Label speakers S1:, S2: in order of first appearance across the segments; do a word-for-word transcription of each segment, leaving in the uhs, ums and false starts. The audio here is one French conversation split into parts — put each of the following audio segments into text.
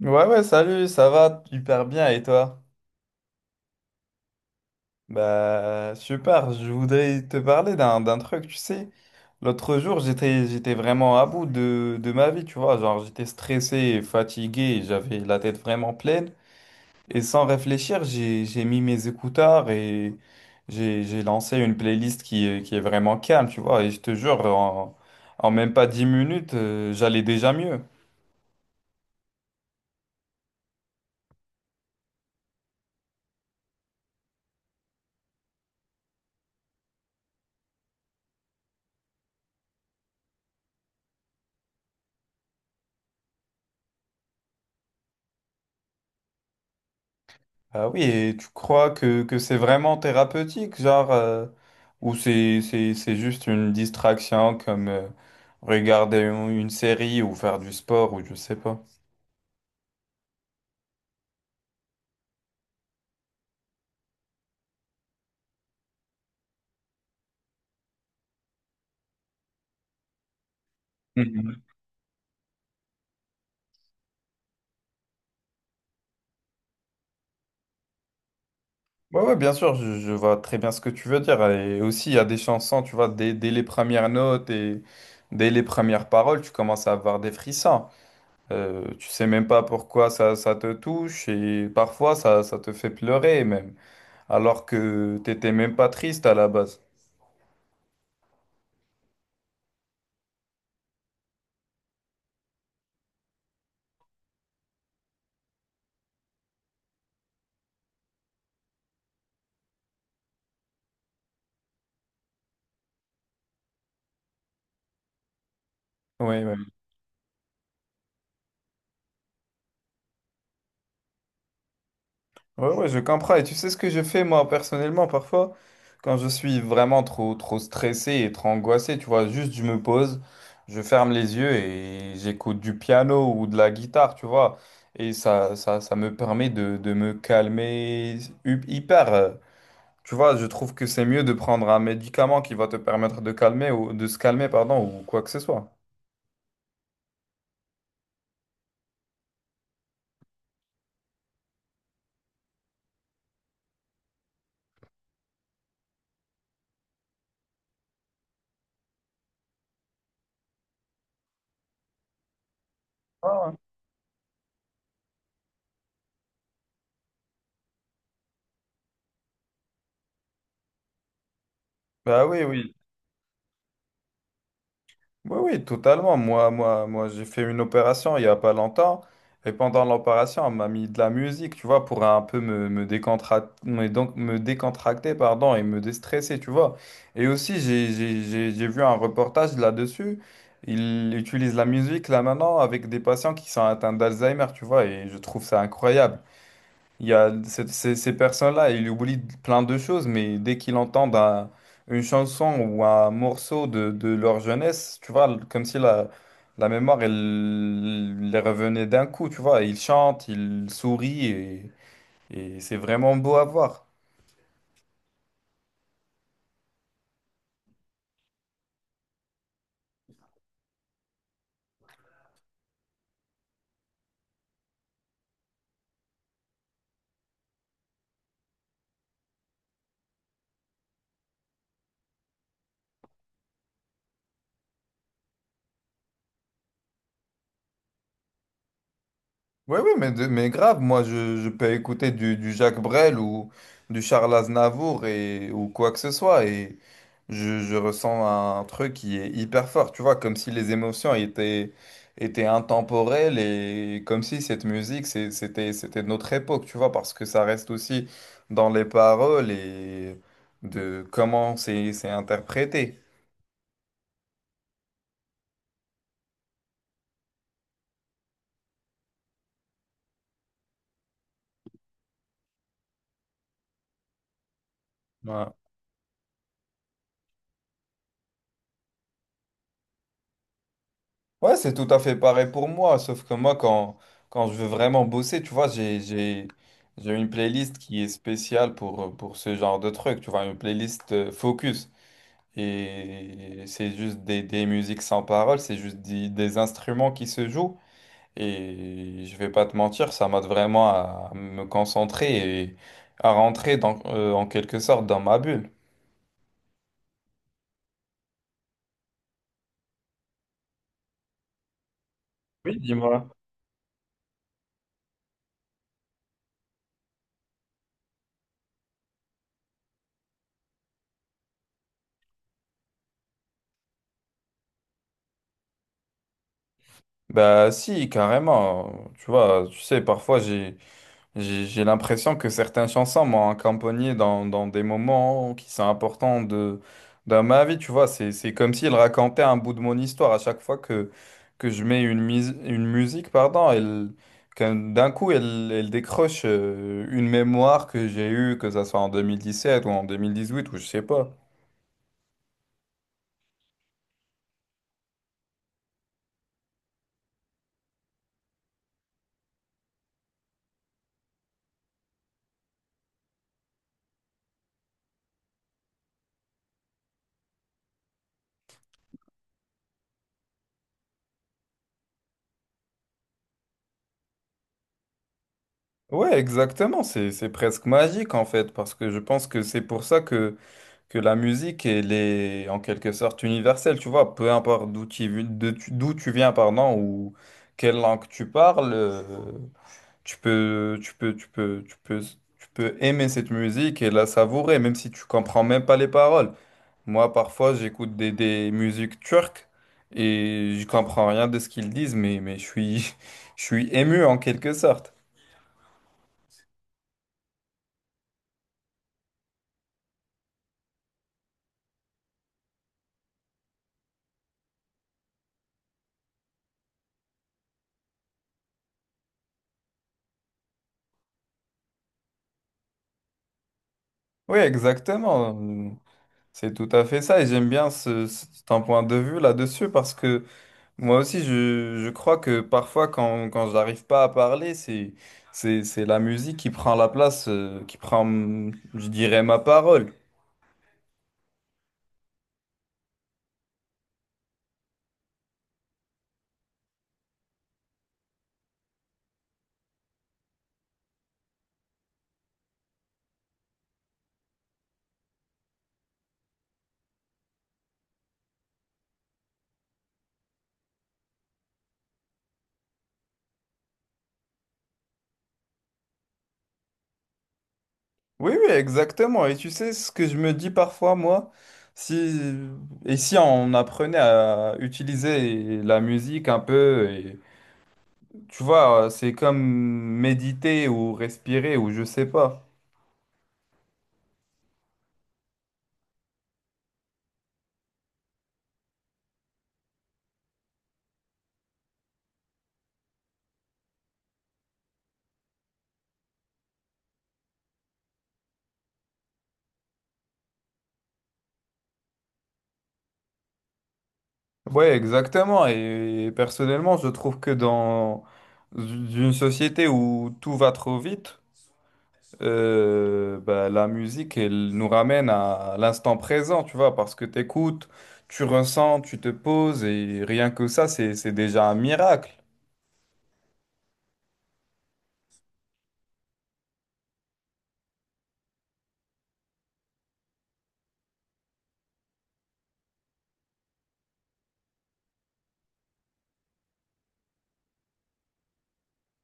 S1: Ouais, ouais, salut, ça va hyper bien et toi? Bah, super, je voudrais te parler d'un d'un truc, tu sais. L'autre jour, j'étais j'étais vraiment à bout de, de ma vie, tu vois. Genre, j'étais stressé et fatigué, et j'avais la tête vraiment pleine. Et sans réfléchir, j'ai j'ai mis mes écouteurs et j'ai j'ai lancé une playlist qui est, qui est vraiment calme, tu vois. Et je te jure, en, en même pas dix minutes, euh, j'allais déjà mieux. Ah oui, et tu crois que, que c'est vraiment thérapeutique, genre, euh, ou c'est, c'est, c'est juste une distraction comme euh, regarder une une série ou faire du sport ou je sais pas. Mhm. Ouais, ouais, bien sûr, je, je vois très bien ce que tu veux dire. Et aussi, il y a des chansons, tu vois, dès, dès les premières notes et dès les premières paroles, tu commences à avoir des frissons. Euh, tu sais même pas pourquoi ça, ça te touche et parfois ça, ça te fait pleurer même, alors que t'étais même pas triste à la base. Oui. Ouais, ouais, je comprends. Et tu sais ce que je fais moi personnellement parfois, quand je suis vraiment trop, trop stressé et trop angoissé, tu vois, juste je me pose, je ferme les yeux et j'écoute du piano ou de la guitare, tu vois. Et ça, ça, ça me permet de, de me calmer hu- hyper. euh, Tu vois, je trouve que c'est mieux de prendre un médicament qui va te permettre de calmer ou de se calmer, pardon, ou quoi que ce soit. Ah ouais. Bah oui, oui. Oui, oui, totalement. Moi, moi, moi, j'ai fait une opération il n'y a pas longtemps. Et pendant l'opération, on m'a mis de la musique, tu vois, pour un peu me, me décontra- me- donc, me décontracter, pardon, et me déstresser, tu vois. Et aussi, j'ai, j'ai- j'ai- j'ai vu un reportage là-dessus. Ils utilisent la musique là maintenant avec des patients qui sont atteints d'Alzheimer, tu vois, et je trouve ça incroyable. Il y a cette- ces, ces personnes-là, ils oublient plein de choses, mais dès qu'ils entendent un- une chanson ou un morceau de, de leur jeunesse, tu vois, comme si la, la mémoire, elle les revenait d'un coup, tu vois. Ils chantent, ils sourient, et, et c'est vraiment beau à voir. Oui, oui, mais, de- mais grave, moi je, je peux écouter du, du Jacques Brel ou du Charles Aznavour et, ou quoi que ce soit et je, je ressens un truc qui est hyper fort, tu vois, comme si les émotions étaient, étaient intemporelles et comme si cette musique c'est- c'était, c'était de notre époque, tu vois, parce que ça reste aussi dans les paroles et de comment c'est, c'est interprété. Ouais. Ouais, c'est tout à fait pareil pour moi, sauf que moi, quand, quand je veux vraiment bosser, tu vois, j'ai, j'ai, j'ai une playlist qui est spéciale pour, pour ce genre de truc, tu vois, une playlist euh, focus. Et c'est juste des, des musiques sans parole, c'est juste des, des instruments qui se jouent. Et je vais pas te mentir, ça m'aide vraiment à me concentrer et à rentrer dans, euh, en quelque sorte dans ma bulle. Oui, dis-moi. Bah si, carrément. Tu vois, tu sais, parfois j'ai... J'ai j'ai l'impression que certaines chansons m'ont accompagné dans, dans des moments qui sont importants de, dans ma vie, tu vois. C'est, c'est comme s'il racontait un bout de mon histoire à chaque fois que, que je mets une, mise- une musique, pardon, elle, qu'un- d'un coup, elle, elle décroche euh, une mémoire que j'ai eue, que ça soit en deux mille dix sept ou en deux mille dix huit ou je sais pas. Ouais, exactement. C'est, c'est presque magique en fait, parce que je pense que c'est pour ça que que la musique, elle est en quelque sorte universelle, tu vois, peu importe d'où tu, vi- de tu- d'où tu viens, pardon, ou quelle langue tu parles, euh, tu peux, tu peux, tu peux, tu peux, tu peux aimer cette musique et la savourer, même si tu comprends même pas les paroles. Moi, parfois, j'écoute des, des musiques turques et je comprends rien de ce qu'ils disent, mais, mais je suis, je suis ému en quelque sorte. Oui, exactement. C'est tout à fait ça et j'aime bien ce, ce- ton point de vue là-dessus. Parce que moi aussi, je, je crois que parfois, quand, quand j'arrive pas à parler, c'est, c'est, c'est la musique qui prend la place, euh, qui prend, hum, je dirais, ma parole. Oui, oui, exactement. Et tu sais ce que je me dis parfois, moi, si, et si on apprenait à utiliser la musique un peu, et, tu vois, c'est comme méditer ou respirer ou je sais pas. Ouais, exactement. Et personnellement, je trouve que dans une société où tout va trop vite, euh, bah, la musique, elle nous ramène à l'instant présent, tu vois, parce que t'écoutes, tu ressens, tu te poses, et rien que ça, c'est, c'est déjà un miracle.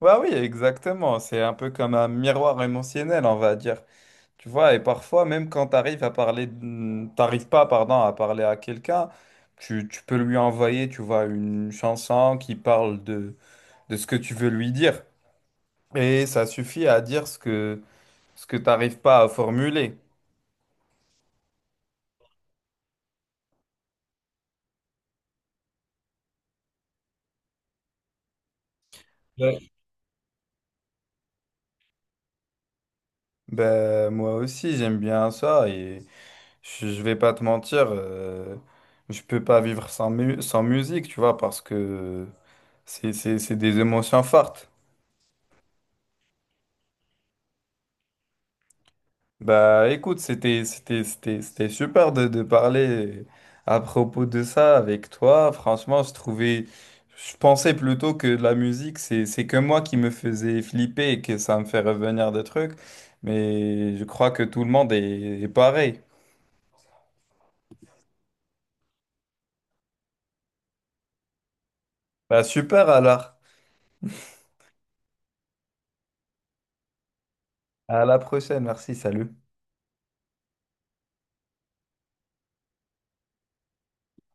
S1: Bah oui, exactement, c'est un peu comme un miroir émotionnel, on va dire. Tu vois, et parfois, même quand t'arrives à parler, t'arrives pas, pardon, à parler à quelqu'un, tu, tu peux lui envoyer, tu vois, une chanson qui parle de, de ce que tu veux lui dire. Et ça suffit à dire ce que, ce que t'arrives pas à formuler. Ben, moi aussi, j'aime bien ça et je je vais pas te mentir, euh, je peux pas vivre sans, mu- sans musique, tu vois, parce que c'est c'est- c'est des émotions fortes. Bah écoute, c'était c'était- c'était- c'était super de, de parler à propos de ça avec toi. Franchement, je trouvais, je pensais plutôt que la musique, c'est c'est que moi qui me faisais flipper et que ça me fait revenir des trucs, mais je crois que tout le monde est est pareil. Bah super alors. À la prochaine, merci, salut.